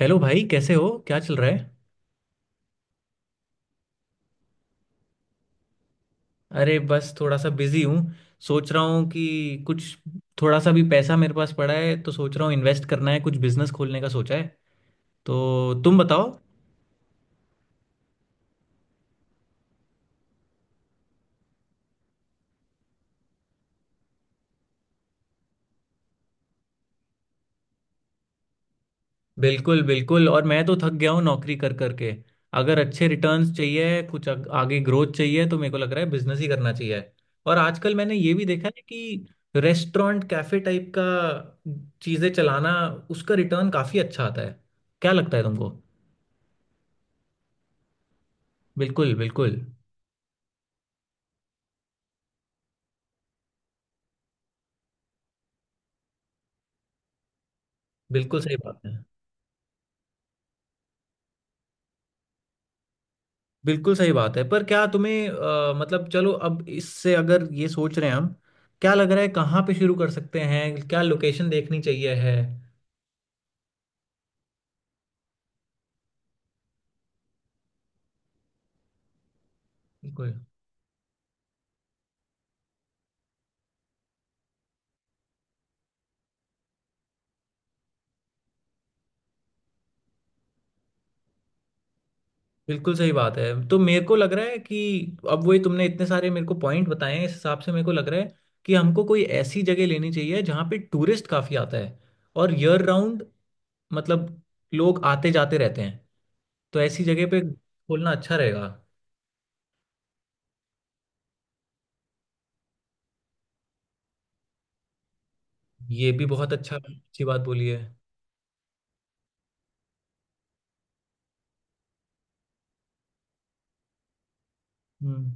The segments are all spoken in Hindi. हेलो भाई, कैसे हो? क्या चल रहा है। अरे बस थोड़ा सा बिजी हूँ। सोच रहा हूँ कि कुछ थोड़ा सा भी पैसा मेरे पास पड़ा है तो सोच रहा हूँ इन्वेस्ट करना है, कुछ बिजनेस खोलने का सोचा है। तो तुम बताओ। बिल्कुल बिल्कुल, और मैं तो थक गया हूँ नौकरी कर करके। अगर अच्छे रिटर्न्स चाहिए, कुछ आगे ग्रोथ चाहिए तो मेरे को लग रहा है बिजनेस ही करना चाहिए। और आजकल मैंने ये भी देखा है कि रेस्टोरेंट कैफे टाइप का चीज़ें चलाना, उसका रिटर्न काफ़ी अच्छा आता है। क्या लगता है तुमको। बिल्कुल बिल्कुल। बिल्कुल सही बात है। बिल्कुल सही बात है, पर क्या तुम्हें मतलब चलो अब इससे अगर ये सोच रहे हैं हम, क्या लग रहा है कहाँ पे शुरू कर सकते हैं, क्या लोकेशन देखनी चाहिए है। बिल्कुल। बिल्कुल सही बात है तो मेरे को लग रहा है कि अब वही तुमने इतने सारे मेरे को पॉइंट बताए हैं, इस हिसाब से मेरे को लग रहा है कि हमको कोई ऐसी जगह लेनी चाहिए जहाँ पे टूरिस्ट काफ़ी आता है और ईयर राउंड, मतलब लोग आते जाते रहते हैं। तो ऐसी जगह पे खोलना अच्छा रहेगा। ये भी बहुत अच्छा, अच्छी बात बोली है। हम्म।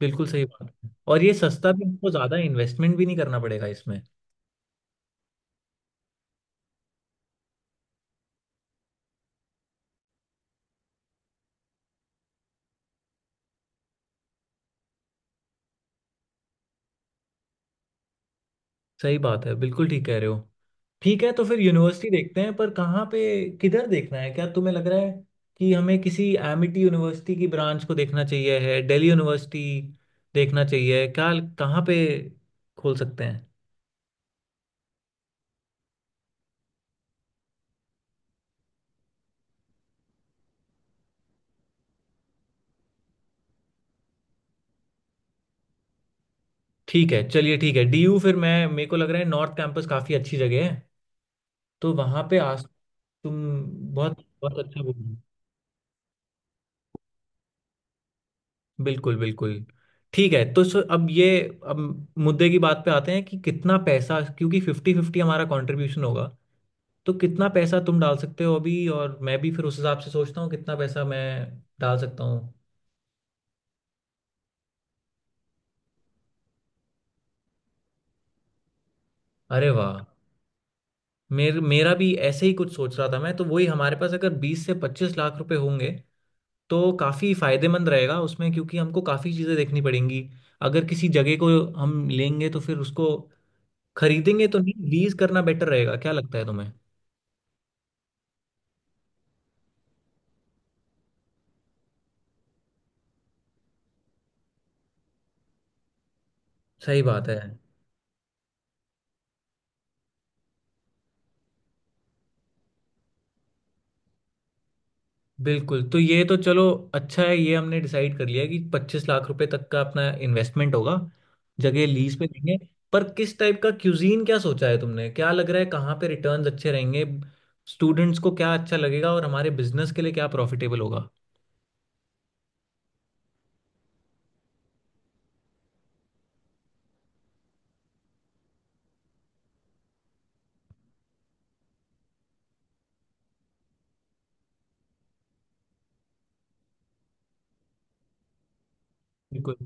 बिल्कुल सही बात है, और ये सस्ता भी, हमको ज़्यादा इन्वेस्टमेंट भी नहीं करना पड़ेगा इसमें। सही बात है, बिल्कुल ठीक कह रहे हो। ठीक है तो फिर यूनिवर्सिटी देखते हैं, पर कहाँ पे, किधर देखना है। क्या तुम्हें लग रहा है कि हमें किसी एमिटी यूनिवर्सिटी की ब्रांच को देखना चाहिए है, दिल्ली यूनिवर्सिटी देखना चाहिए क्या, कहाँ पे खोल सकते हैं। ठीक है, चलिए ठीक है, डीयू फिर, मैं मेरे को लग रहा है नॉर्थ कैंपस काफ़ी अच्छी जगह है। तो वहाँ पे आस। तुम बहुत बहुत अच्छा बोल। बिल्कुल बिल्कुल। ठीक है, तो सो अब मुद्दे की बात पे आते हैं कि कितना पैसा, क्योंकि 50-50 हमारा कंट्रीब्यूशन होगा। तो कितना पैसा तुम डाल सकते हो अभी, और मैं भी फिर उस हिसाब से सोचता हूँ कितना पैसा मैं डाल सकता हूँ। अरे वाह, मेरा भी ऐसे ही कुछ सोच रहा था मैं तो। वही हमारे पास अगर 20 से 25 लाख रुपए होंगे तो काफ़ी फायदेमंद रहेगा उसमें, क्योंकि हमको काफ़ी चीज़ें देखनी पड़ेंगी। अगर किसी जगह को हम लेंगे तो फिर उसको खरीदेंगे तो नहीं, लीज करना बेटर रहेगा। क्या लगता है तुम्हें। सही बात है बिल्कुल। तो ये तो चलो अच्छा है, ये हमने डिसाइड कर लिया कि 25 लाख रुपए तक का अपना इन्वेस्टमेंट होगा, जगह लीज पे देंगे। पर किस टाइप का क्यूजीन क्या सोचा है तुमने, क्या लग रहा है कहाँ पे रिटर्न्स अच्छे रहेंगे, स्टूडेंट्स को क्या अच्छा लगेगा और हमारे बिजनेस के लिए क्या प्रॉफिटेबल होगा। बिल्कुल।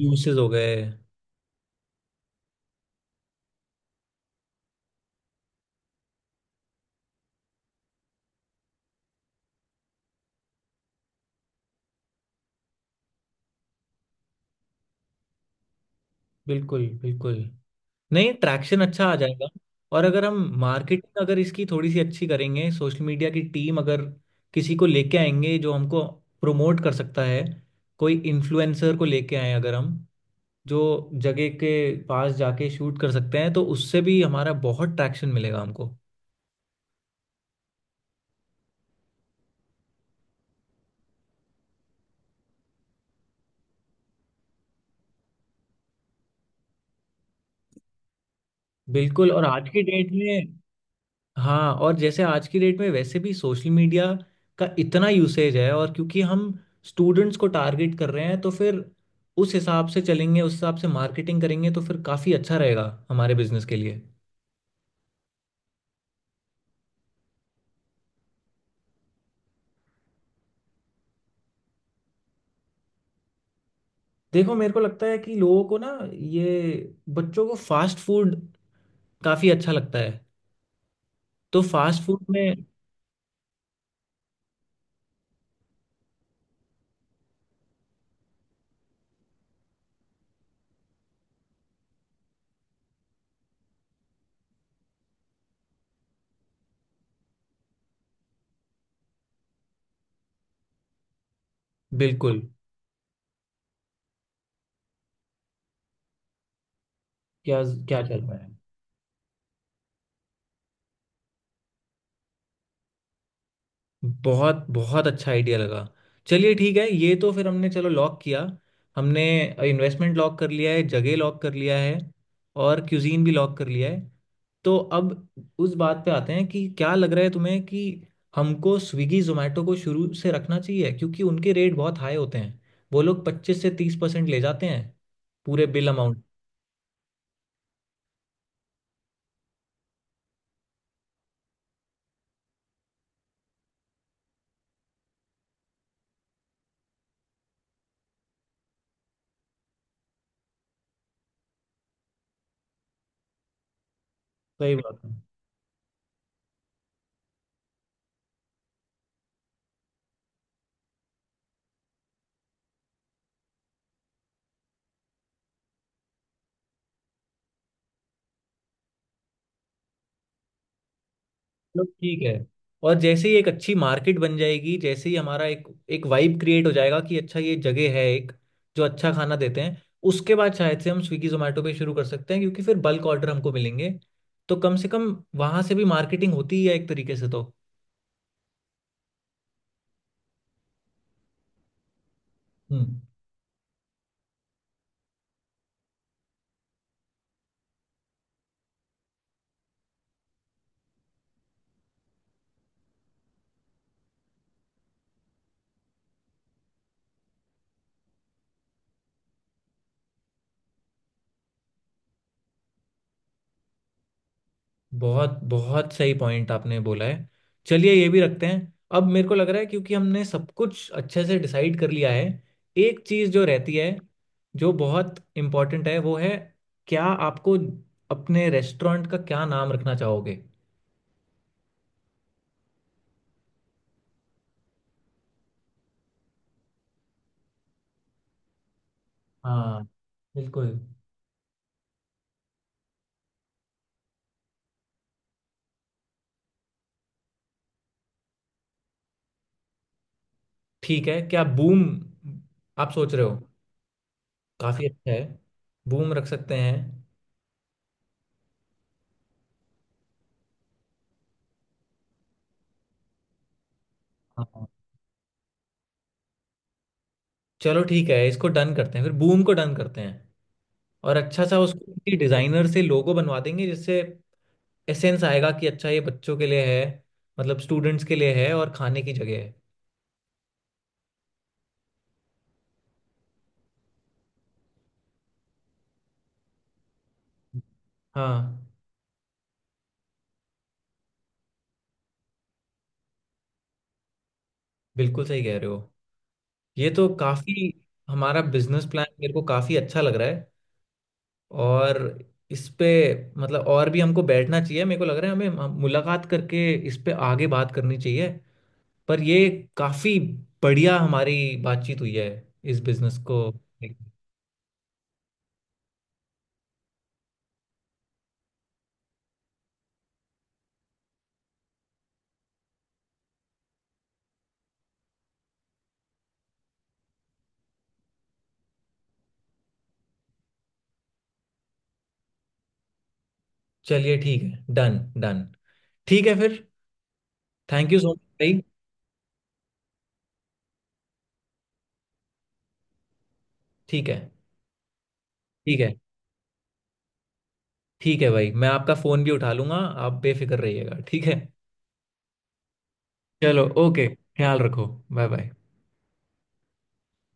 यूसेस हो गए। बिल्कुल बिल्कुल, नहीं ट्रैक्शन अच्छा आ जाएगा। और अगर हम मार्केटिंग अगर इसकी थोड़ी सी अच्छी करेंगे, सोशल मीडिया की टीम अगर किसी को लेके आएंगे जो हमको प्रमोट कर सकता है, कोई इन्फ्लुएंसर को लेके आए अगर हम, जो जगह के पास जाके शूट कर सकते हैं, तो उससे भी हमारा बहुत ट्रैक्शन मिलेगा हमको। बिल्कुल, और आज की डेट में। हाँ, और जैसे आज की डेट में वैसे भी सोशल मीडिया का इतना यूसेज है, और क्योंकि हम स्टूडेंट्स को टारगेट कर रहे हैं तो फिर उस हिसाब से चलेंगे, उस हिसाब से मार्केटिंग करेंगे तो फिर काफ़ी अच्छा रहेगा हमारे बिजनेस के लिए। देखो मेरे को लगता है कि लोगों को ना, ये बच्चों को फास्ट फूड काफ़ी अच्छा लगता है। तो फास्ट फूड में। बिल्कुल। क्या क्या चल रहा है। बहुत बहुत अच्छा आइडिया लगा। चलिए ठीक है, ये तो फिर हमने चलो लॉक किया। हमने इन्वेस्टमेंट लॉक कर लिया है, जगह लॉक कर लिया है और क्यूजीन भी लॉक कर लिया है। तो अब उस बात पे आते हैं कि क्या लग रहा है तुम्हें कि हमको स्विगी जोमेटो को शुरू से रखना चाहिए, क्योंकि उनके रेट बहुत हाई होते हैं। वो लोग 25 से 30% ले जाते हैं पूरे बिल अमाउंट। सही बात है। चलो ठीक है, और जैसे ही एक अच्छी मार्केट बन जाएगी, जैसे ही हमारा एक एक वाइब क्रिएट हो जाएगा कि अच्छा ये जगह है एक, जो अच्छा खाना देते हैं, उसके बाद शायद से हम स्विगी जोमेटो पे शुरू कर सकते हैं, क्योंकि फिर बल्क ऑर्डर हमको मिलेंगे। तो कम से कम वहां से भी मार्केटिंग होती ही है एक तरीके से तो। हम्म। बहुत बहुत सही पॉइंट आपने बोला है। चलिए ये भी रखते हैं। अब मेरे को लग रहा है क्योंकि हमने सब कुछ अच्छे से डिसाइड कर लिया है, एक चीज़ जो रहती है, जो बहुत इम्पोर्टेंट है वो है, क्या आपको, अपने रेस्टोरेंट का क्या नाम रखना चाहोगे। हाँ। बिल्कुल। ठीक है, क्या बूम आप सोच रहे हो। काफ़ी अच्छा है, बूम रख सकते हैं। हाँ। चलो ठीक है, इसको डन करते हैं, फिर बूम को डन करते हैं। और अच्छा सा उसको डिजाइनर से लोगो बनवा देंगे जिससे एसेंस आएगा कि अच्छा ये बच्चों के लिए है, मतलब स्टूडेंट्स के लिए है और खाने की जगह है। हाँ। बिल्कुल सही कह रहे हो। ये तो काफी, हमारा बिजनेस प्लान मेरे को काफी अच्छा लग रहा है। और इस पे, मतलब और भी हमको बैठना चाहिए, मेरे को लग रहा है हमें मुलाकात करके इस पे आगे बात करनी चाहिए। पर ये काफी बढ़िया हमारी बातचीत हुई है इस बिजनेस को। चलिए ठीक है, डन डन। ठीक है फिर, थैंक यू सो मच भाई। ठीक है। ठीक है। ठीक है भाई, मैं आपका फोन भी उठा लूंगा, आप बेफिक्र रहिएगा ठीक है। चलो ओके। ख्याल रखो। Bye bye.